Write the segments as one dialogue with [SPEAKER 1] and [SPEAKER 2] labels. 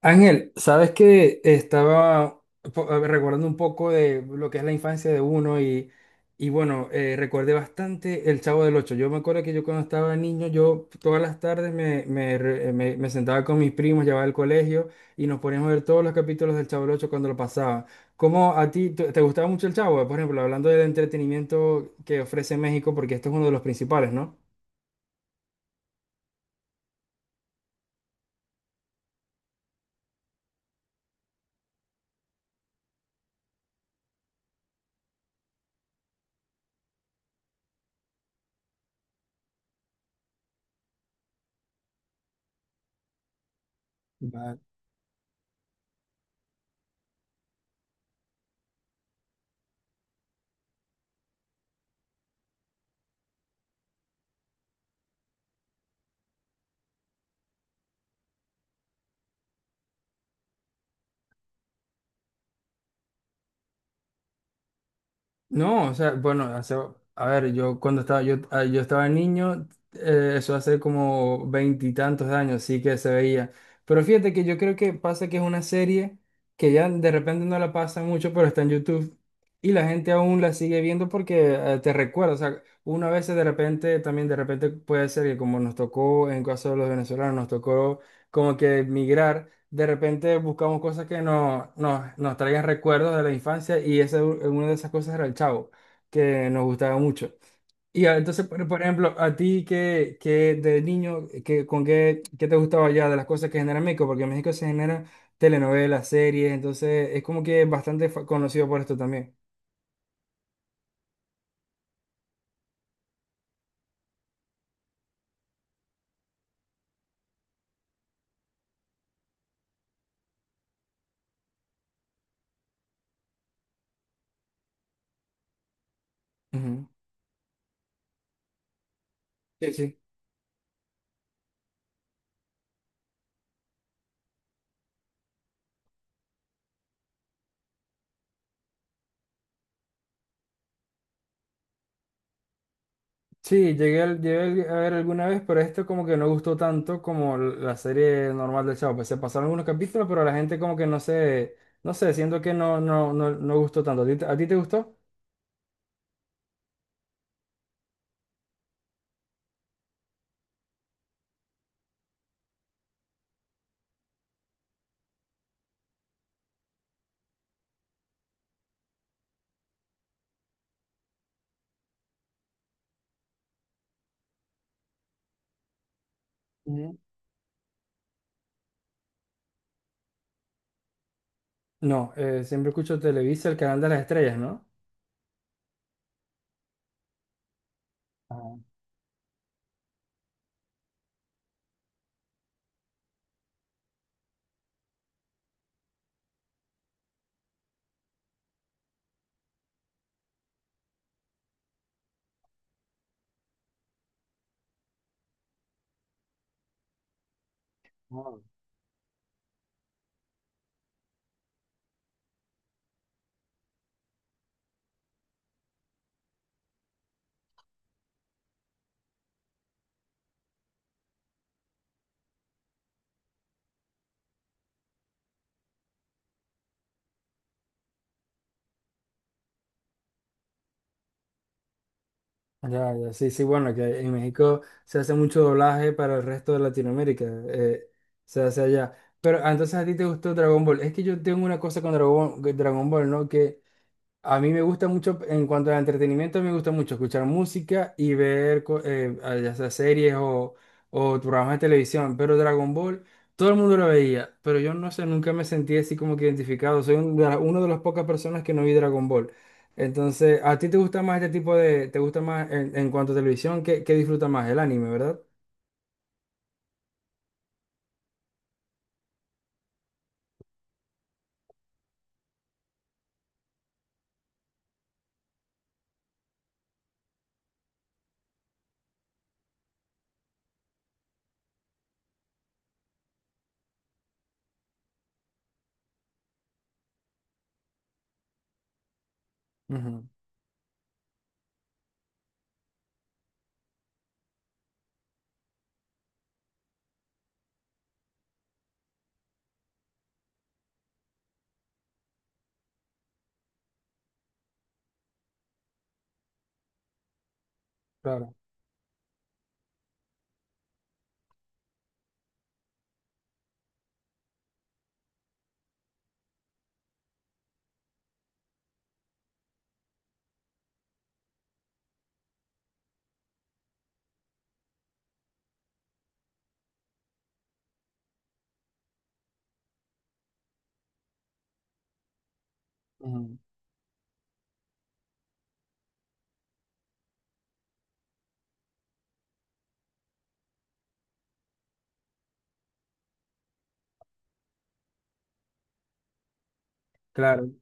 [SPEAKER 1] Ángel, sabes que estaba recordando un poco de lo que es la infancia de uno y bueno, recordé bastante El Chavo del Ocho. Yo me acuerdo que yo cuando estaba niño, yo todas las tardes me sentaba con mis primos, llevaba al colegio y nos poníamos a ver todos los capítulos del Chavo del Ocho cuando lo pasaba. ¿Cómo a ti te gustaba mucho el Chavo? Por ejemplo, hablando del entretenimiento que ofrece México, porque esto es uno de los principales, ¿no? No, o sea, bueno, a ver, yo cuando estaba, yo estaba niño, eso hace como veintitantos años, sí que se veía. Pero fíjate que yo creo que pasa que es una serie que ya de repente no la pasa mucho, pero está en YouTube y la gente aún la sigue viendo porque te recuerda, o sea, una vez de repente, también de repente puede ser que como nos tocó, en caso de los venezolanos, nos tocó como que emigrar. De repente buscamos cosas que nos traigan recuerdos de la infancia y esa, una de esas cosas era el Chavo, que nos gustaba mucho. Y entonces, por ejemplo, a ti que de niño, que, qué te gustaba ya de las cosas que genera México, porque en México se generan telenovelas, series, entonces es como que bastante conocido por esto también. Ujú. Sí, sí. Sí, llegué a ver alguna vez, pero esto como que no gustó tanto como la serie normal del Chavo. Pues se pasaron algunos capítulos, pero la gente como que no sé, no sé, siento que no gustó tanto. A ti te gustó? Ujú. No, siempre escucho Televisa, el canal de las estrellas, ¿no? Ah, no. Ya, ya, sí, sí, bueno, que en México se hace mucho doblaje para el resto de Latinoamérica, se hace allá. Pero entonces a ti te gustó Dragon Ball. Es que yo tengo una cosa con Dragon Ball, ¿no? Que a mí me gusta mucho, en cuanto al entretenimiento, me gusta mucho escuchar música y ver ya sea series o programas de televisión. Pero Dragon Ball, todo el mundo lo veía, pero yo no sé, nunca me sentí así como que identificado. Soy una de las pocas personas que no vi Dragon Ball. Entonces, ¿a ti te gusta más este tipo de, te gusta más en cuanto a televisión, qué disfrutas más? El anime, ¿verdad? Ujú, claro. Ujú, claro.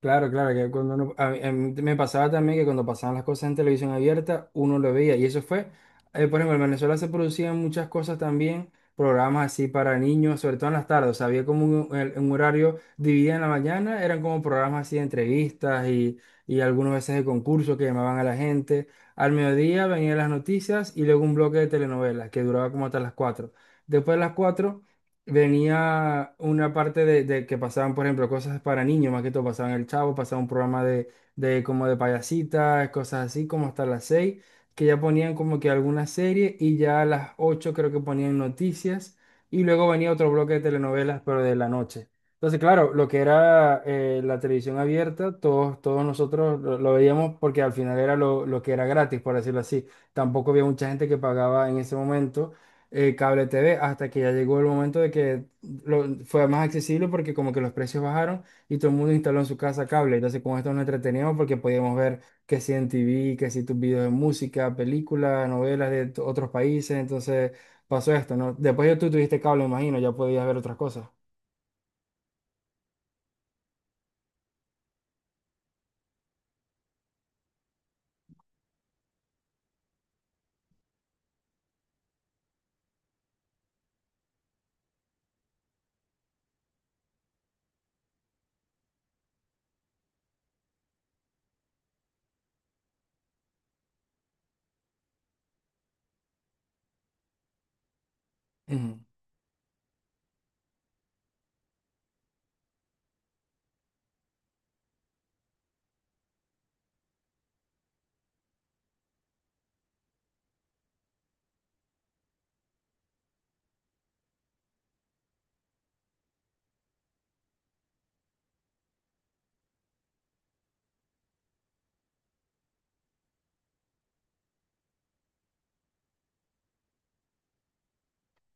[SPEAKER 1] Claro, que cuando a mí me pasaba también que cuando pasaban las cosas en televisión abierta, uno lo veía. Y eso fue, por ejemplo, en Venezuela se producían muchas cosas también, programas así para niños, sobre todo en las tardes. O sea, había como un horario dividido en la mañana, eran como programas así de entrevistas y algunas veces de concursos que llamaban a la gente. Al mediodía venían las noticias y luego un bloque de telenovelas que duraba como hasta las cuatro. Después de las 4 venía una parte de que pasaban, por ejemplo, cosas para niños, más que todo pasaban El Chavo, pasaba un programa de como de payasitas, cosas así, como hasta las seis, que ya ponían como que alguna serie y ya a las ocho creo que ponían noticias y luego venía otro bloque de telenovelas, pero de la noche. Entonces, claro, lo que era la televisión abierta, todos nosotros lo veíamos porque al final era lo que era gratis, por decirlo así. Tampoco había mucha gente que pagaba en ese momento cable T V hasta que ya llegó el momento de que fue más accesible porque como que los precios bajaron y todo el mundo instaló en su casa cable. Entonces con esto nos entreteníamos porque podíamos ver que si en T V, que si tus videos de música, películas, novelas de otros países. Entonces pasó esto, ¿no? Después ya tú tuviste cable, imagino, ya podías ver otras cosas.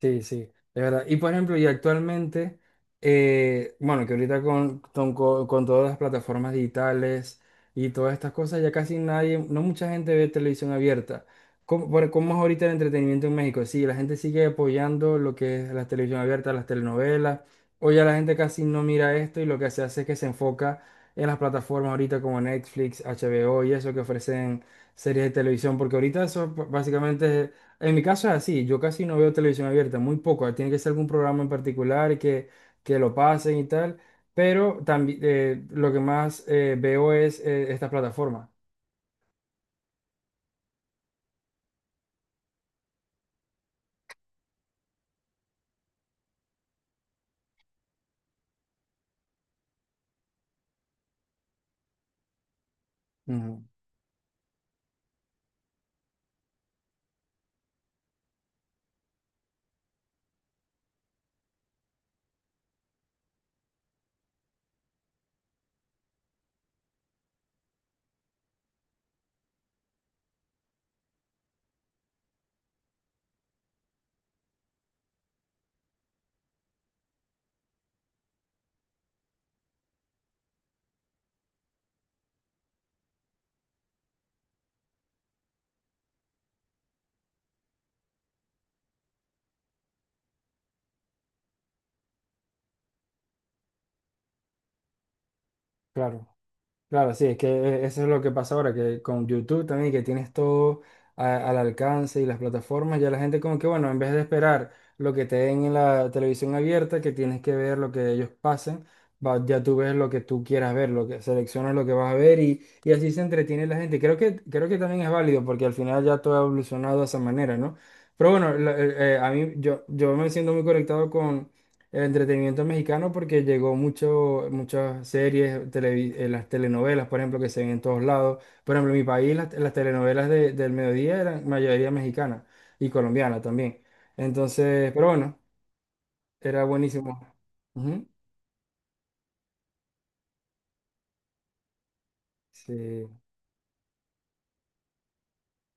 [SPEAKER 1] Sí, sí, de verdad. Y por ejemplo, y actualmente, bueno, que ahorita con todas las plataformas digitales y todas estas cosas, ya casi nadie, no mucha gente ve televisión abierta. ¿Cómo, cómo es ahorita el entretenimiento en México? Sí, la gente sigue apoyando lo que es la televisión abierta, las telenovelas, o ya la gente casi no mira esto y lo que se hace es que se enfoca en las plataformas ahorita como Netflix, HBO y eso que ofrecen series de televisión, porque ahorita eso básicamente es, en mi caso es así, yo casi no veo televisión abierta, muy poco, tiene que ser algún programa en particular que lo pasen y tal, pero también lo que más veo es esta plataforma. Ujú, claro. Claro, sí, es que eso es lo que pasa ahora, que con YouTube también, que tienes todo al alcance y las plataformas, ya la gente como que, bueno, en vez de esperar lo que te den en la televisión abierta, que tienes que ver lo que ellos pasen, ya tú ves lo que tú quieras ver, lo que seleccionas lo que vas a ver y así se entretiene la gente. Creo que también es válido porque al final ya todo ha evolucionado de esa manera, ¿no? Pero bueno, a mí yo me siento muy conectado el entretenimiento mexicano porque llegó mucho, muchas series, las telenovelas, por ejemplo, que se ven en todos lados. Por ejemplo, en mi país las telenovelas del mediodía eran mayoría mexicana y colombiana también. Entonces, pero bueno, era buenísimo. Ujú. Sí,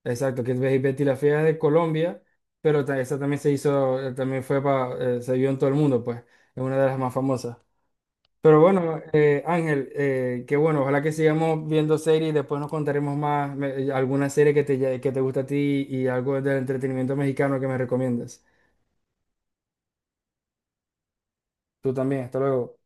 [SPEAKER 1] exacto, que ves Betty la Fea es de Colombia, pero esa también se hizo, también fue para, se vio en todo el mundo, pues, es una de las más famosas. Pero bueno, Ángel, que bueno, ojalá que sigamos viendo series y después nos contaremos más alguna serie que te gusta a ti y algo del entretenimiento mexicano que me recomiendas. Tú también, hasta luego.